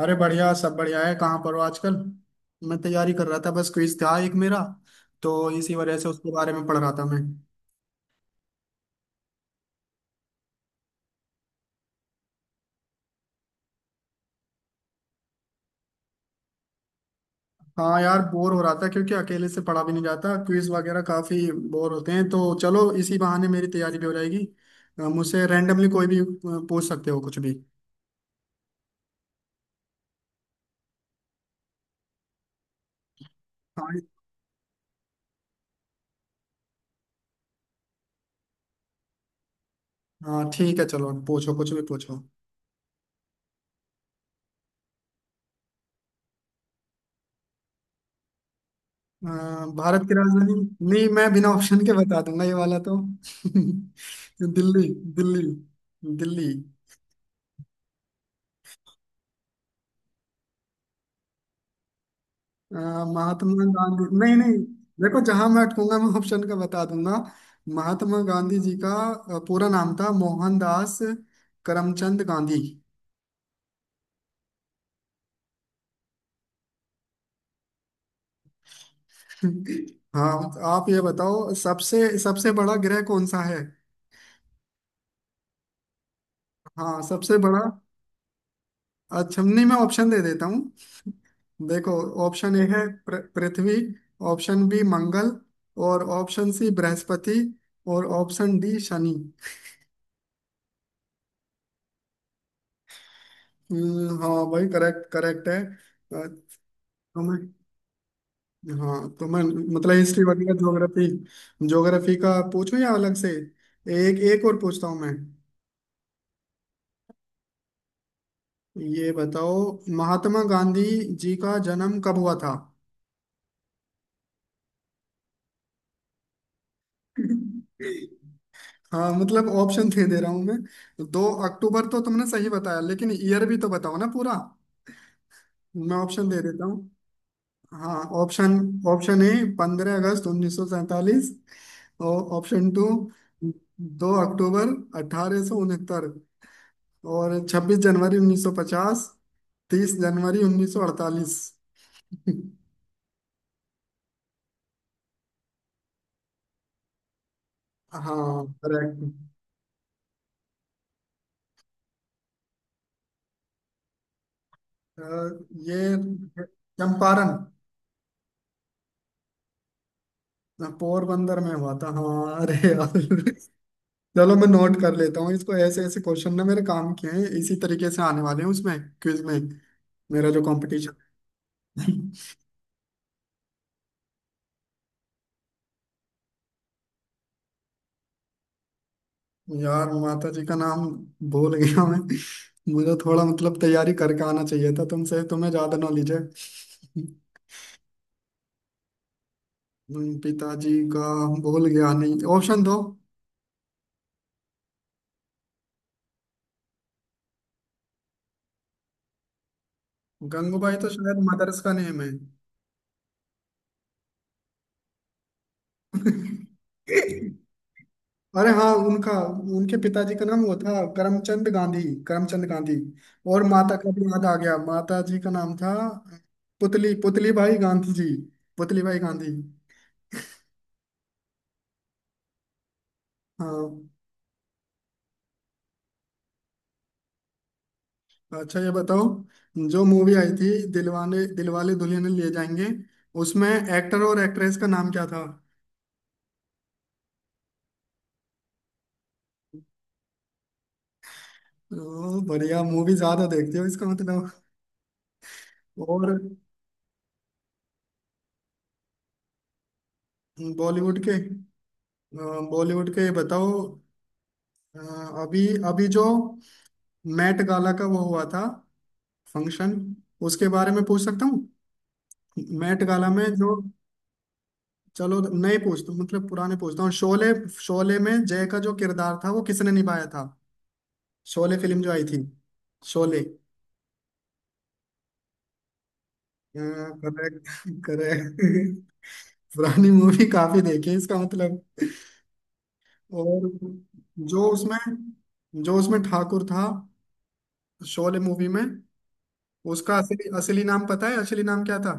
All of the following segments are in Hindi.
अरे बढ़िया, सब बढ़िया है। कहाँ पर हो आजकल? मैं तैयारी कर रहा था, बस क्विज था एक मेरा। तो इसी वजह से उसके बारे में पढ़ रहा था मैं। हाँ यार, बोर हो रहा था क्योंकि अकेले से पढ़ा भी नहीं जाता, क्विज वगैरह काफी बोर होते हैं। तो चलो इसी बहाने मेरी तैयारी भी हो जाएगी। मुझसे रैंडमली कोई भी पूछ सकते हो, कुछ भी। हाँ। हाँ ठीक है, चलो पूछो, कुछ भी पूछो। भारत की राजधानी। नहीं, मैं बिना ऑप्शन के बता दूंगा ये वाला तो। दिल्ली। दिल्ली। दिल्ली। अ, महात्मा गांधी, नहीं नहीं। देखो, जहां मैं अटकूंगा मैं ऑप्शन का बता दूंगा। महात्मा गांधी जी का पूरा नाम था मोहनदास करमचंद गांधी। हाँ। आप ये बताओ, सबसे सबसे बड़ा ग्रह कौन सा है? हाँ, सबसे बड़ा। अच्छा, नहीं मैं ऑप्शन दे देता हूँ। देखो, ऑप्शन ए है पृथ्वी। ऑप्शन बी मंगल। और ऑप्शन सी बृहस्पति। और ऑप्शन डी शनि। हाँ भाई, करेक्ट करेक्ट है। अ, हाँ तो मैं, मतलब हिस्ट्री वगैरह ज्योग्राफी। ज्योग्राफी का पूछूं या अलग से? एक एक और पूछता हूँ मैं। ये बताओ, महात्मा गांधी जी का जन्म कब हुआ था? हाँ मतलब ऑप्शन दे दे रहा हूँ मैं। दो अक्टूबर तो तुमने सही बताया, लेकिन ईयर भी तो बताओ ना पूरा। मैं ऑप्शन दे देता हूँ। हाँ। ऑप्शन, ऑप्शन ए 15 अगस्त 1947। और ऑप्शन टू 2 अक्टूबर 1869। और 26 जनवरी 1950। 30 जनवरी 1948। हाँ करेक्ट। ये चंपारण, पोरबंदर में हुआ था, हाँ, अरे यार। चलो मैं नोट कर लेता हूँ इसको, ऐसे ऐसे क्वेश्चन ना मेरे काम के हैं, इसी तरीके से आने वाले हैं उसमें, क्विज में, मेरा जो कंपटीशन। यार, माता जी का नाम भूल गया मैं। मुझे थोड़ा मतलब तैयारी करके आना चाहिए था, तुमसे तुम्हें ज्यादा नॉलेज है। पिताजी का, भूल गया, नहीं ऑप्शन दो। गंगूबाई तो शायद मदर्स का नेम है। अरे हाँ उनका, उनके पिताजी का नाम वो था करमचंद गांधी। करमचंद गांधी। और माता का भी याद आ गया, माता जी का नाम था पुतली पुतली भाई गांधी जी। पुतली भाई गांधी। हाँ। अच्छा, ये बताओ, जो मूवी आई थी दिलवाने दिलवाले दुल्हनिया ले जाएंगे, उसमें एक्टर और एक्ट्रेस का नाम क्या था? ओ बढ़िया, मूवी ज्यादा देखते हो इसका मतलब। और बॉलीवुड के। बॉलीवुड के बताओ। अ, अभी अभी जो मैट गाला का वो हुआ था, फंक्शन, उसके बारे में पूछ सकता हूँ। मैट गाला में जो। चलो नए पूछता हूँ, मतलब पुराने पूछता हूँ, शोले। शोले में जय का जो किरदार था वो किसने निभाया था? शोले फिल्म जो आई थी, शोले। करेक्ट। करेक्ट। पुरानी मूवी काफी देखी है इसका मतलब। और जो उसमें, जो उसमें ठाकुर था शोले मूवी में, उसका असली, असली नाम पता है, असली नाम क्या था?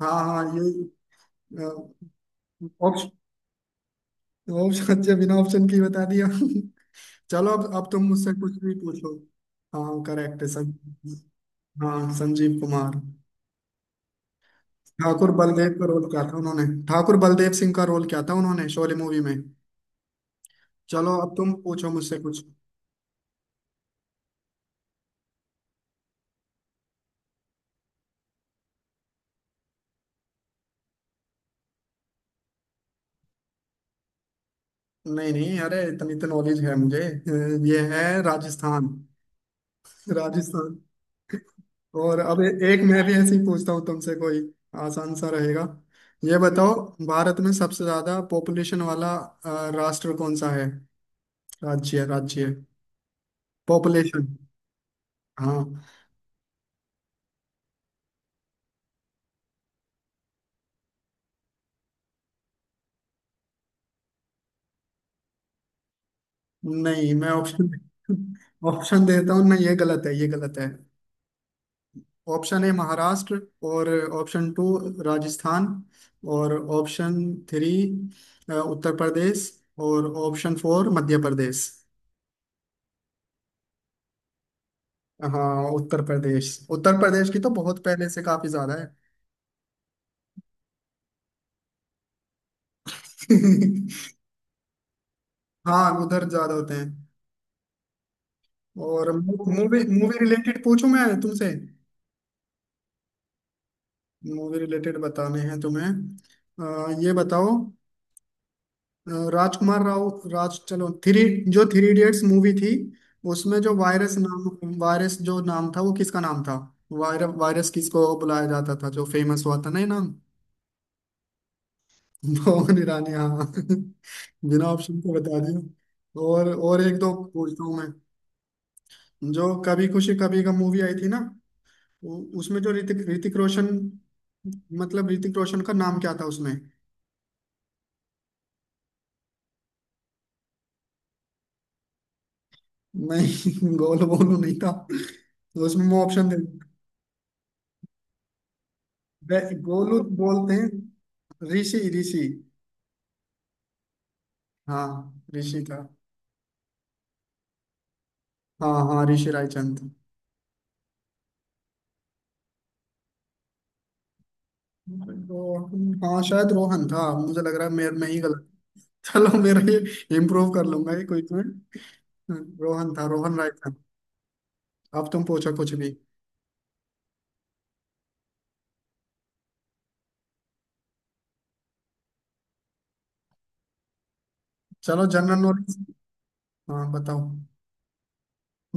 हाँ हाँ ये। ऑप्शन, ऑप्शन, अच्छा बिना ऑप्शन की बता दिया। चलो अब तुम मुझसे कुछ भी पूछो। हाँ करेक्ट है। हाँ संजीव कुमार। ठाकुर बलदेव का रोल क्या था उन्होंने? ठाकुर बलदेव सिंह का रोल क्या था उन्होंने शोले मूवी में? चलो अब तुम पूछो मुझसे कुछ। नहीं नहीं, अरे इतनी तो नॉलेज है मुझे। ये है राजस्थान। राजस्थान। और अब एक मैं भी ऐसे ही पूछता हूँ तुमसे कोई आसान सा रहेगा। ये बताओ, भारत में सबसे ज्यादा पॉपुलेशन वाला राष्ट्र कौन सा है, राज्य, राज्य, पॉपुलेशन? हाँ। नहीं, मैं ऑप्शन, ऑप्शन देता हूँ, नहीं ये गलत है, ये गलत है। Option A Maharashtra. और ऑप्शन टू राजस्थान। और ऑप्शन थ्री उत्तर प्रदेश। और ऑप्शन फोर मध्य प्रदेश। हाँ, उत्तर प्रदेश, उत्तर प्रदेश की तो बहुत पहले से काफी ज्यादा है। हाँ, उधर ज्यादा होते हैं। और मूवी, रिलेटेड पूछूं मैं तुमसे? मूवी रिलेटेड बताने हैं तुम्हें। ये बताओ, राजकुमार राव, राज चलो थ्री, जो थ्री इडियट्स मूवी थी, उसमें जो वायरस नाम, वायरस जो नाम था वो किसका नाम था? वायरस किसको बुलाया जाता था, जो फेमस हुआ था ना ये नाम? मोहन ईरानी, हाँ। बिना ऑप्शन के बता दिया। और एक दो पूछता हूँ मैं। जो कभी खुशी कभी गम मूवी आई थी ना, उसमें जो ऋतिक ऋतिक रोशन, मतलब ऋतिक रोशन का नाम क्या था उसमें? नहीं गोलू बोलू नहीं था, तो उसमें मैं ऑप्शन दे। गोलू बोलते हैं ऋषि, ऋषि। हाँ ऋषि था। हाँ हाँ ऋषि रायचंद। तो हाँ, शायद रोहन था, मुझे लग रहा है मैं, ही गलत। चलो, मेरा ये इम्प्रूव कर लूंगा ये क्विज में। रोहन था, रोहन राय था। अब तुम पूछो कुछ भी। चलो जनरल नॉलेज। हाँ बताओ।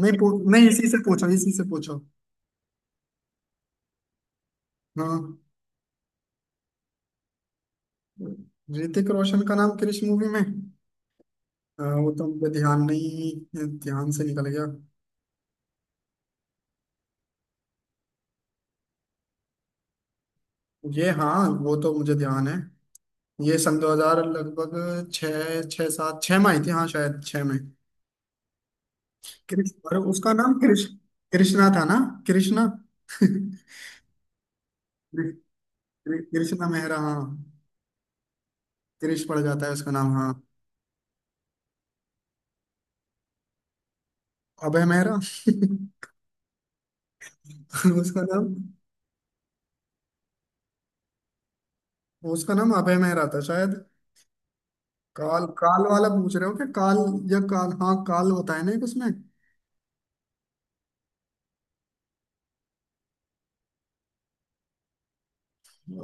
नहीं नहीं, इसी से पूछो, इसी से पूछो। हाँ। ऋतिक रोशन का नाम किस मूवी में? वो तो मुझे ध्यान नहीं, ध्यान से निकल गया। ये हाँ, वो तो मुझे ध्यान है, ये सन 2000 लगभग छः, छः सात छः में आई थी, हाँ शायद छः में। अरे उसका नाम कृष, कृष्णा था ना। कृष्णा। कृष्णा मेहरा, हाँ। कृष पड़ जाता है उसका नाम, हाँ। अभय मेहरा। उसका नाम, उसका नाम अभय मेहरा था शायद। काल, काल वाला पूछ रहे हो क्या, काल? या काल, हाँ काल होता है ना एक उसमें।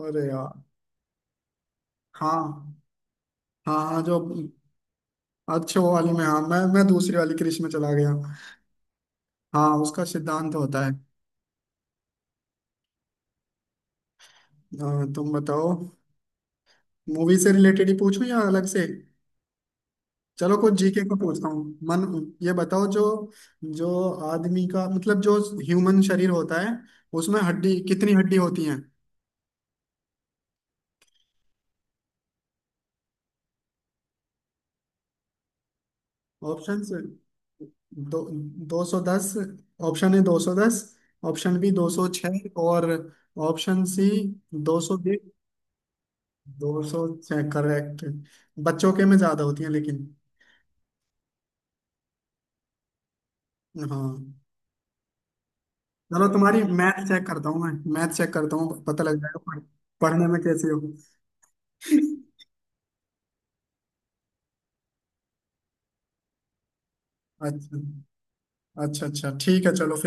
अरे यार। हाँ हाँ, हाँ जो। अच्छे वो वाली में, हाँ मैं, दूसरी वाली कृष में चला गया। हाँ उसका सिद्धांत होता है। हाँ, तुम बताओ। मूवी से रिलेटेड ही पूछूं या अलग से? चलो कुछ जीके को पूछता हूँ मन। ये बताओ, जो, जो आदमी का मतलब, जो ह्यूमन शरीर होता है, उसमें हड्डी, कितनी हड्डी होती हैं? ऑप्शंस दो, 210। Option A 210। Option B 206। और ऑप्शन सी 220। 206 करेक्ट। बच्चों के में ज्यादा होती है लेकिन। हाँ। चलो तुम्हारी मैथ चेक करता हूँ मैं, मैथ चेक करता हूँ, पता लग जाएगा पढ़ने में कैसे हो। अच्छा। अच्छा अच्छा ठीक है, चलो फिर।